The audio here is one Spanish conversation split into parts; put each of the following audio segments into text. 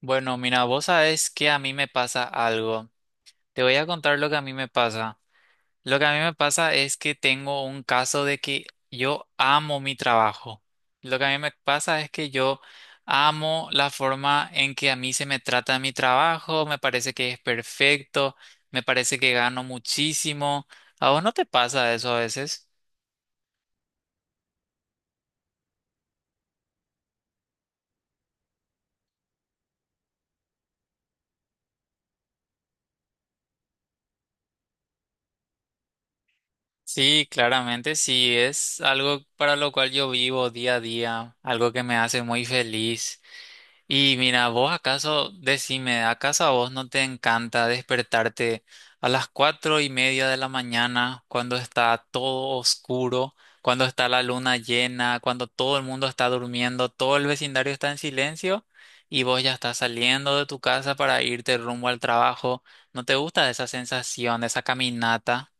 Bueno, mira, vos sabés que a mí me pasa algo. Te voy a contar lo que a mí me pasa. Lo que a mí me pasa es que tengo un caso de que yo amo mi trabajo. Lo que a mí me pasa es que yo amo la forma en que a mí se me trata en mi trabajo, me parece que es perfecto, me parece que gano muchísimo. ¿A vos no te pasa eso a veces? Sí, claramente sí, es algo para lo cual yo vivo día a día, algo que me hace muy feliz. Y mira, vos acaso, decime, ¿acaso a vos no te encanta despertarte a las cuatro y media de la mañana cuando está todo oscuro, cuando está la luna llena, cuando todo el mundo está durmiendo, todo el vecindario está en silencio y vos ya estás saliendo de tu casa para irte rumbo al trabajo? ¿No te gusta esa sensación, esa caminata?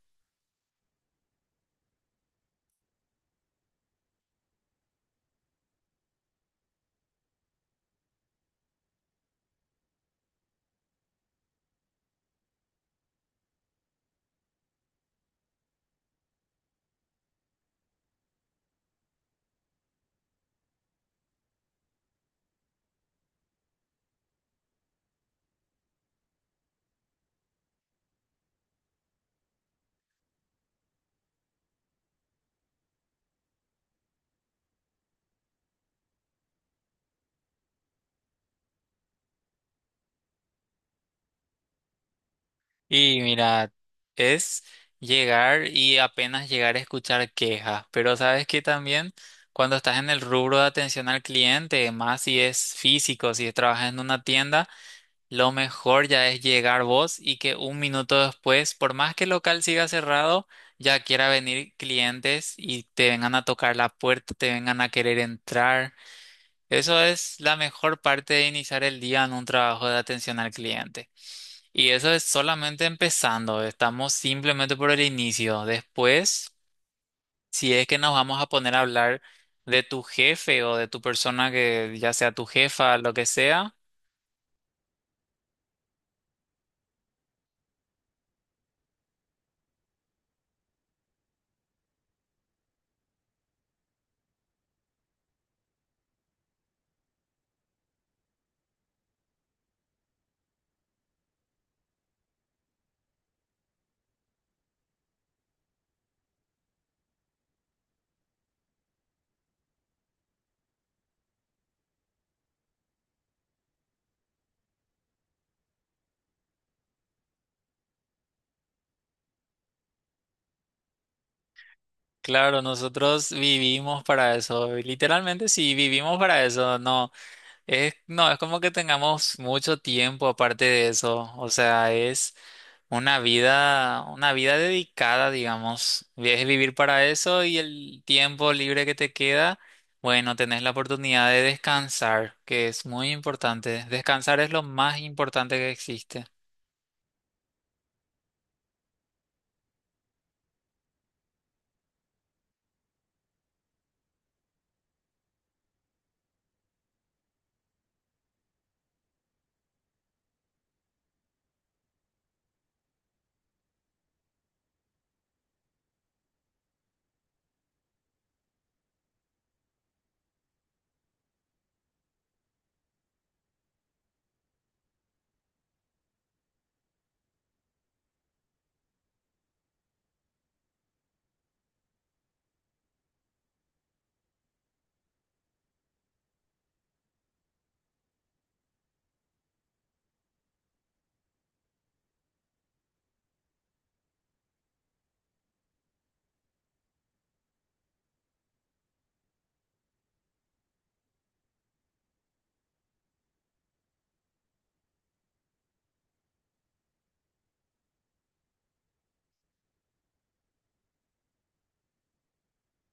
Y mira, es llegar y apenas llegar a escuchar quejas, pero sabes que también cuando estás en el rubro de atención al cliente, más si es físico, si trabajas en una tienda, lo mejor ya es llegar vos y que un minuto después, por más que el local siga cerrado, ya quiera venir clientes y te vengan a tocar la puerta, te vengan a querer entrar. Eso es la mejor parte de iniciar el día en un trabajo de atención al cliente. Y eso es solamente empezando, estamos simplemente por el inicio. Después, si es que nos vamos a poner a hablar de tu jefe o de tu persona que ya sea tu jefa, lo que sea, claro, nosotros vivimos para eso, literalmente sí, vivimos para eso, no. Es, no, es como que tengamos mucho tiempo aparte de eso. O sea, es una vida dedicada, digamos. Es vivir para eso y el tiempo libre que te queda, bueno, tenés la oportunidad de descansar, que es muy importante. Descansar es lo más importante que existe.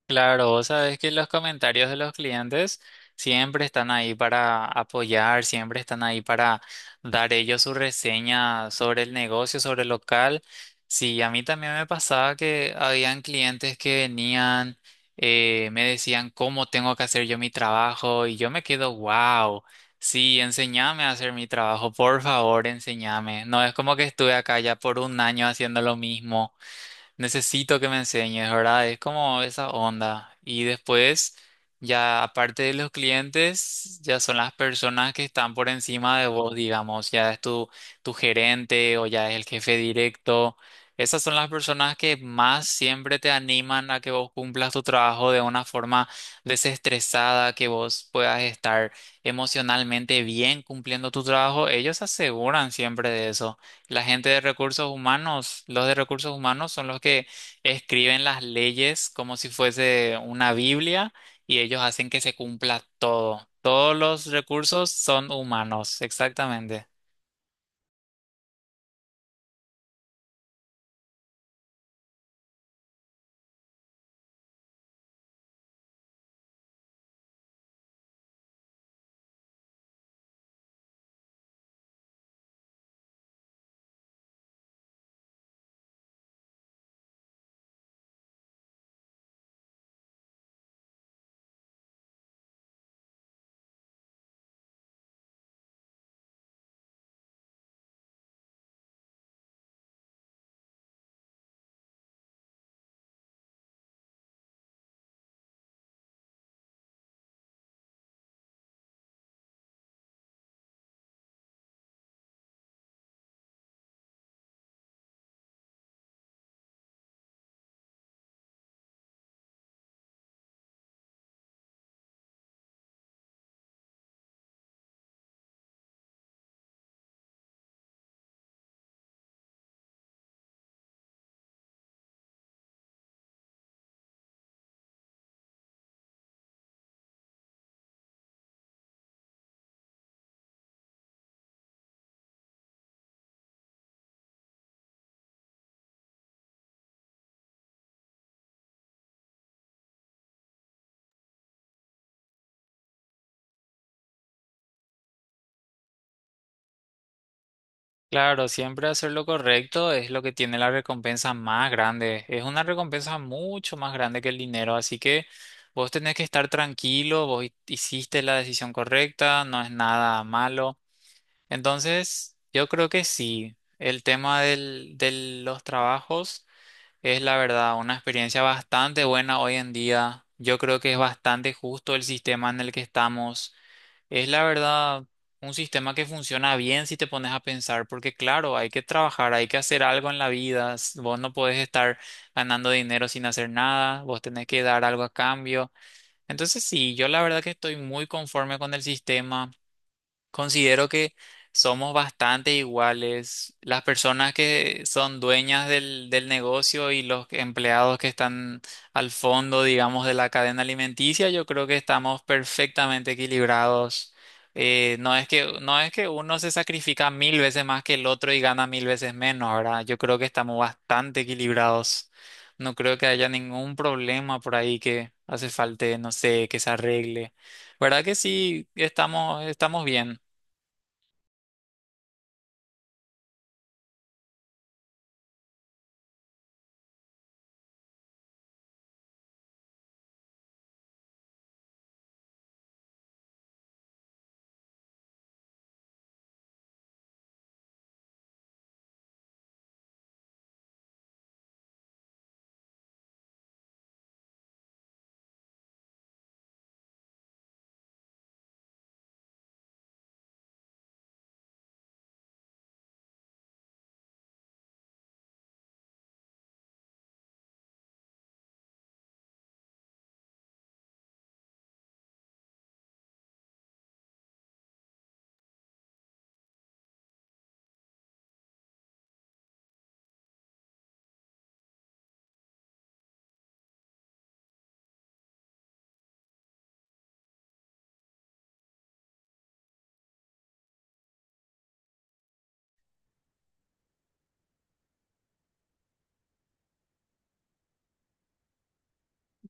Claro, vos sabés que los comentarios de los clientes siempre están ahí para apoyar, siempre están ahí para dar ellos su reseña sobre el negocio, sobre el local. Sí, a mí también me pasaba que habían clientes que venían, me decían cómo tengo que hacer yo mi trabajo y yo me quedo, wow, sí, enséñame a hacer mi trabajo, por favor, enséñame. No es como que estuve acá ya por un año haciendo lo mismo, necesito que me enseñes, ¿verdad? Es como esa onda. Y después, ya aparte de los clientes, ya son las personas que están por encima de vos, digamos, ya es tu gerente o ya es el jefe directo. Esas son las personas que más siempre te animan a que vos cumplas tu trabajo de una forma desestresada, que vos puedas estar emocionalmente bien cumpliendo tu trabajo. Ellos se aseguran siempre de eso. La gente de recursos humanos, los de recursos humanos son los que escriben las leyes como si fuese una Biblia y ellos hacen que se cumpla todo. Todos los recursos son humanos, exactamente. Claro, siempre hacer lo correcto es lo que tiene la recompensa más grande. Es una recompensa mucho más grande que el dinero, así que vos tenés que estar tranquilo, vos hiciste la decisión correcta, no es nada malo. Entonces, yo creo que sí. El tema de los trabajos es la verdad una experiencia bastante buena hoy en día. Yo creo que es bastante justo el sistema en el que estamos. Es la verdad un sistema que funciona bien si te pones a pensar, porque claro, hay que trabajar, hay que hacer algo en la vida. Vos no podés estar ganando dinero sin hacer nada, vos tenés que dar algo a cambio. Entonces, sí, yo la verdad que estoy muy conforme con el sistema. Considero que somos bastante iguales. Las personas que son dueñas del negocio y los empleados que están al fondo, digamos, de la cadena alimenticia, yo creo que estamos perfectamente equilibrados. No es que uno se sacrifica mil veces más que el otro y gana mil veces menos, ¿verdad? Yo creo que estamos bastante equilibrados. No creo que haya ningún problema por ahí que hace falta, no sé, que se arregle. ¿Verdad que sí? Estamos, estamos bien.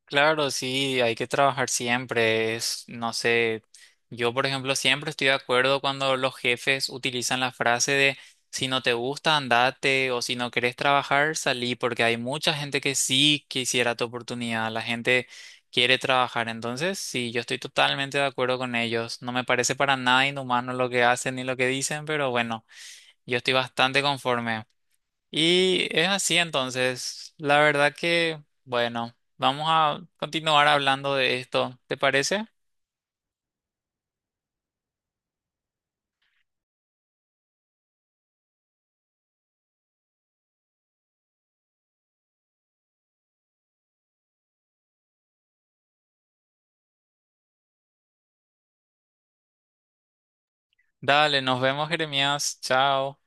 Claro, sí, hay que trabajar siempre. Es, no sé, yo por ejemplo siempre estoy de acuerdo cuando los jefes utilizan la frase de si no te gusta, andate o si no querés trabajar, salí, porque hay mucha gente que sí quisiera tu oportunidad, la gente quiere trabajar. Entonces, sí, yo estoy totalmente de acuerdo con ellos. No me parece para nada inhumano lo que hacen ni lo que dicen, pero bueno, yo estoy bastante conforme. Y es así entonces. La verdad que, bueno, vamos a continuar hablando de esto. ¿Te parece? Dale, nos vemos, Jeremías. Chao.